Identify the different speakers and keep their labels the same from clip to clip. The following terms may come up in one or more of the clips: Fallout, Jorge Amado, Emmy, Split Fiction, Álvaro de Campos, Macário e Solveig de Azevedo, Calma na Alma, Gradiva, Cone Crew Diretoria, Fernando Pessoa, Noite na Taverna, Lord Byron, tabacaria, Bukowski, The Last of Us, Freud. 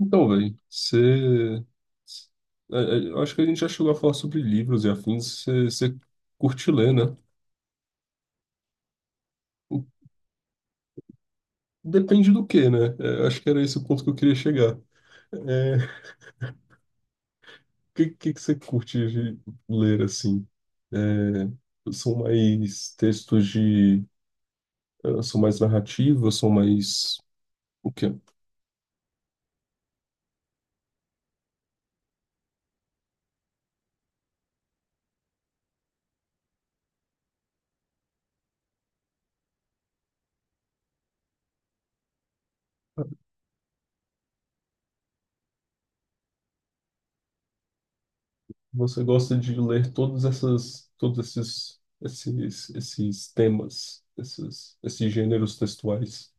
Speaker 1: Então, velho, você. Eu acho que a gente já chegou a falar sobre livros e afins. Você curte ler, né? Depende do que, né? É, eu acho que era esse o ponto que eu queria chegar. É, o que você curte de ler, assim? É, são mais textos de. São mais narrativas, são mais. O quê? Você gosta de ler todas essas, todos esses, esses temas, esses gêneros textuais.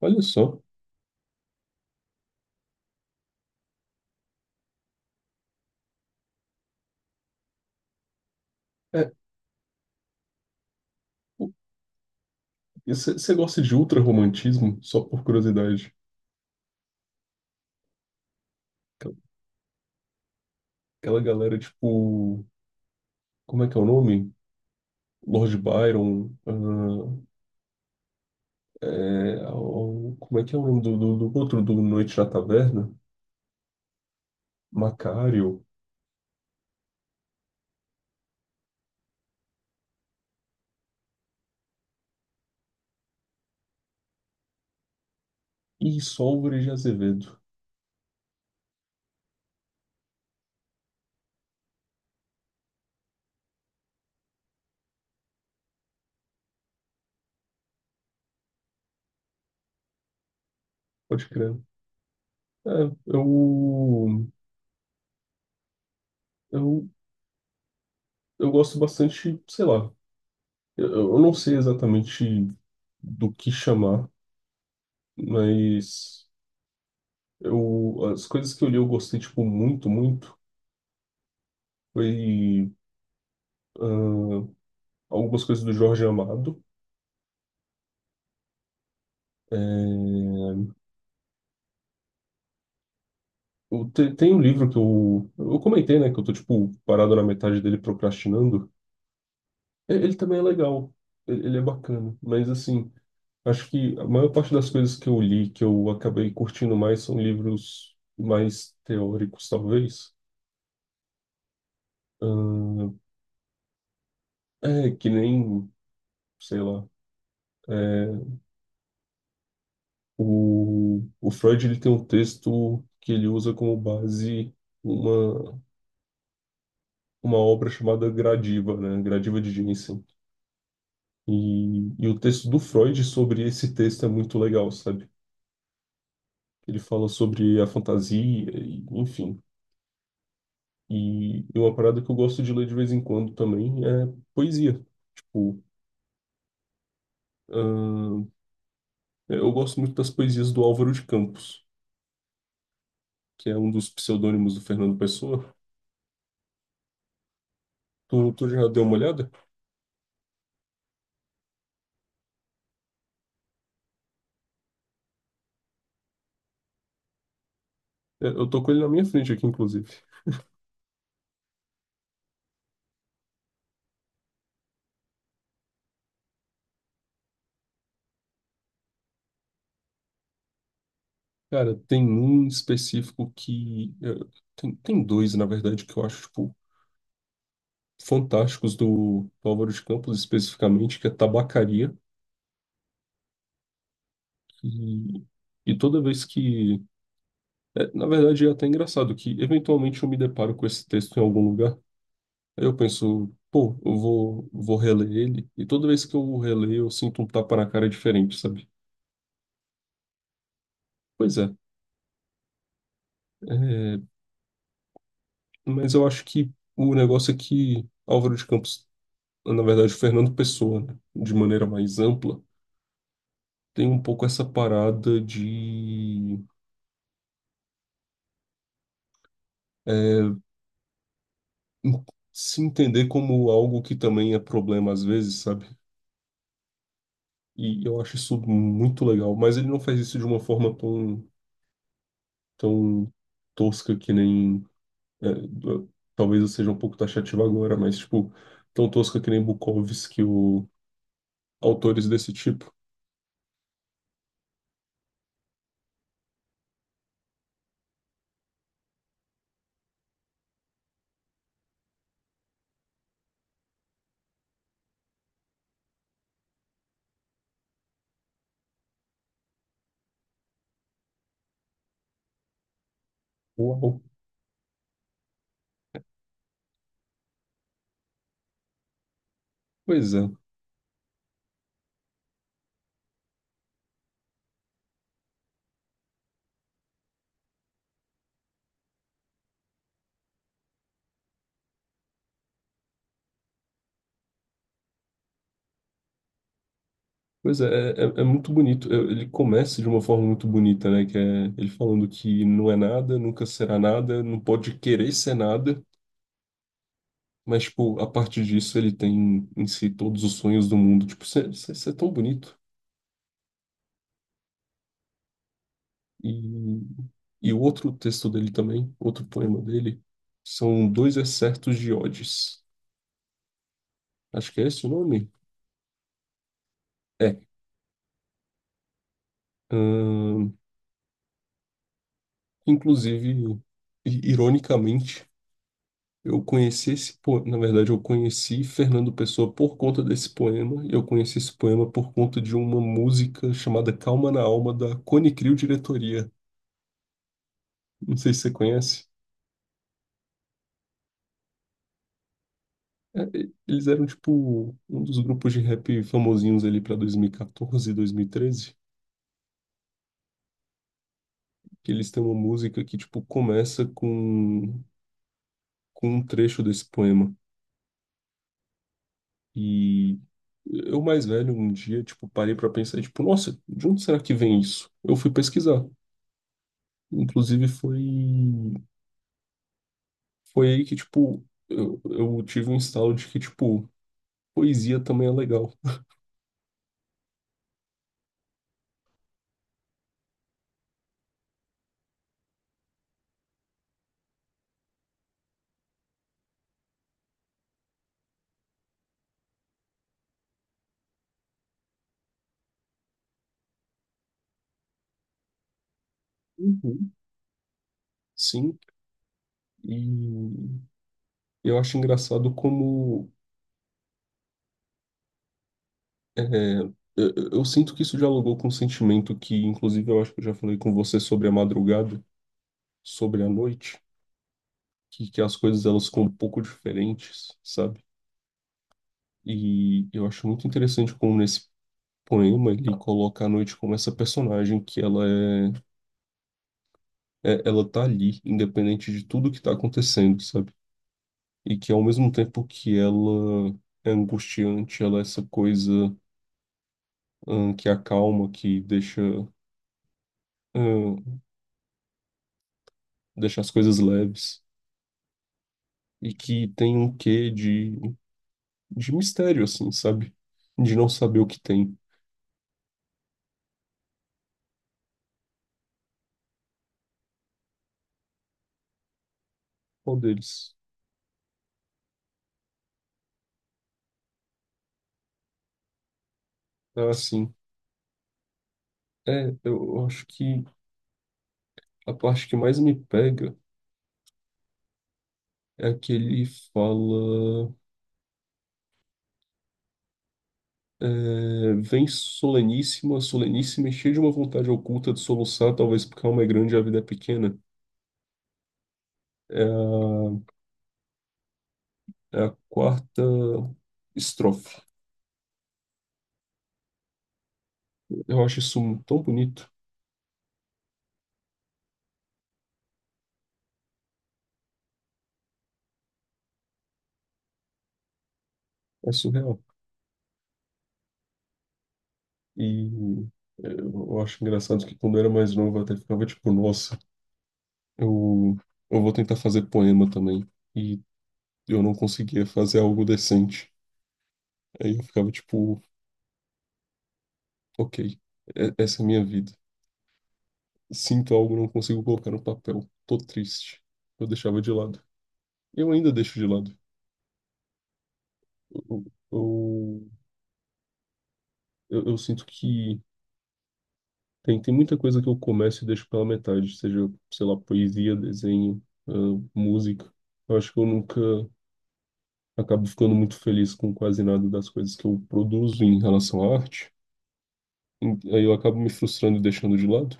Speaker 1: Olha só. É, você gosta de ultra-romantismo, só por curiosidade? Aquela aquela galera, tipo, como é que é o nome? Lord Byron, ah, é, como é que é o nome do, do outro, do Noite na Taverna? Macário e Solveig de Azevedo, pode crer. É, eu, eu, eu gosto bastante, sei lá, eu não sei exatamente do que chamar, mas eu, as coisas que eu li eu gostei, tipo, muito, muito. Foi ah, algumas coisas do Jorge Amado. É, eu tem um livro que eu comentei, né? Que eu tô, tipo, parado na metade dele procrastinando. Ele também é legal. Ele é bacana. Mas, assim, acho que a maior parte das coisas que eu li, que eu acabei curtindo mais, são livros mais teóricos, talvez. Ah, é, que nem, sei lá. é, o Freud, ele tem um texto que ele usa como base. Uma, uma obra chamada Gradiva, né? Gradiva de Jensen. E o texto do Freud sobre esse texto é muito legal, sabe? Ele fala sobre a fantasia, enfim. E uma parada que eu gosto de ler de vez em quando também é poesia. Tipo, ahn, eu gosto muito das poesias do Álvaro de Campos, que é um dos pseudônimos do Fernando Pessoa. Tu já deu uma olhada? É, eu tô com ele na minha frente aqui, inclusive. Cara, tem um específico que. Tem, tem dois, na verdade, que eu acho, tipo, fantásticos do, do Álvaro de Campos, especificamente, que é tabacaria. E, e toda vez que. Na verdade, é até engraçado que, eventualmente, eu me deparo com esse texto em algum lugar. Aí eu penso, pô, eu vou, vou reler ele. E toda vez que eu releio, eu sinto um tapa na cara diferente, sabe? Pois é. é, mas eu acho que o negócio é que Álvaro de Campos, na verdade, Fernando Pessoa, né, de maneira mais ampla, tem um pouco essa parada de é, en- se entender como algo que também é problema às vezes, sabe? E eu acho isso muito legal, mas ele não faz isso de uma forma tão, tão tosca que nem. é, eu- talvez eu seja um pouco taxativo agora, mas, tipo, tão tosca que nem Bukowski ou autores desse tipo. Uau! Pois é. Pois é, é é muito bonito. Ele começa de uma forma muito bonita, né? Que é ele falando que não é nada, nunca será nada, não pode querer ser nada, mas, tipo, a partir disso, ele tem em si todos os sonhos do mundo. Tipo, você é tão bonito. E, e o outro texto dele também, outro poema dele, são dois excertos de odes. Acho que é esse o nome? É. Ahn, inclusive, ironicamente, eu conheci esse poema. Na verdade, eu conheci Fernando Pessoa por conta desse poema. E eu conheci esse poema por conta de uma música chamada Calma na Alma, da Cone Crew Diretoria. Não sei se você conhece. É, eles eram tipo um dos grupos de rap famosinhos ali pra 2014, 2013, que eles têm uma música que tipo começa com um trecho desse poema. E eu mais velho um dia tipo parei pra pensar e, tipo, nossa, de onde será que vem isso? Eu fui pesquisar. Inclusive foi foi aí que tipo eu tive um instalo de que tipo poesia também é legal. Uhum. Sim, e eu acho engraçado como É, é, eu sinto que isso dialogou com um sentimento que, inclusive, eu acho que eu já falei com você sobre a madrugada, sobre a noite, que as coisas elas ficam um pouco diferentes, sabe? E eu acho muito interessante como nesse poema ele coloca a noite como essa personagem que ela é, ela tá ali, independente de tudo que tá acontecendo, sabe? E que ao mesmo tempo que ela é angustiante, ela é essa coisa, que acalma, que deixa, hum, deixa as coisas leves. E que tem um quê de mistério, assim, sabe? De não saber o que tem. Qual deles? Ah, sim. É, eu acho que a parte que mais me pega é a que ele fala. Vem soleníssima, soleníssima e cheia de uma vontade oculta de soluçar, talvez porque a alma é grande e a vida é pequena. É a, é a quarta estrofe. Eu acho isso tão bonito. É surreal. E é, eu acho engraçado que quando eu era mais novo eu até ficava tipo, nossa, eu, eu vou tentar fazer poema também. E eu não conseguia fazer algo decente. Aí eu ficava tipo, ok, essa é a minha vida. Sinto algo, não consigo colocar no papel. Tô triste. Eu deixava de lado. Eu ainda deixo de lado. Eu, eu, eu sinto que tem, tem muita coisa que eu começo e deixo pela metade, seja, sei lá, poesia, desenho, música. Eu acho que eu nunca. Acabo ficando muito feliz com quase nada das coisas que eu produzo em relação à arte. Aí eu acabo me frustrando e deixando de lado.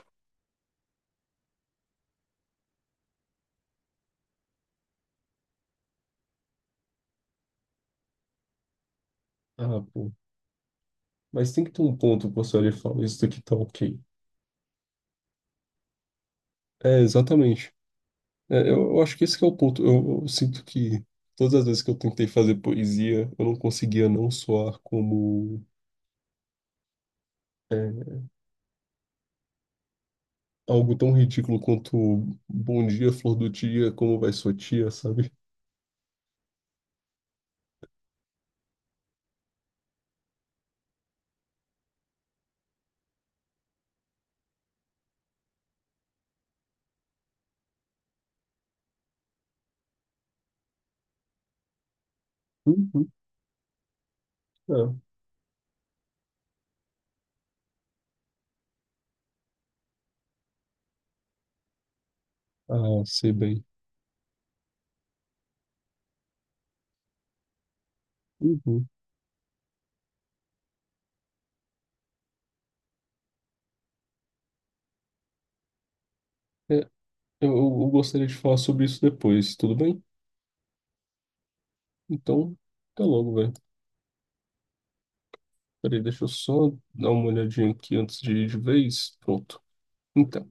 Speaker 1: Ah, pô. Mas tem que ter um ponto que você olha e fala, isso daqui tá ok. É, exatamente. É, eu acho que esse que é o ponto. Eu sinto que todas as vezes que eu tentei fazer poesia, eu não conseguia não soar como é, algo tão ridículo quanto bom dia, flor do dia, como vai sua tia, sabe? Uhum, é. Ah, sei bem. Uhum. É, eu eu gostaria de falar sobre isso depois, tudo bem? Então, até logo, velho. Peraí, deixa eu só dar uma olhadinha aqui antes de ir de vez. Pronto. Então.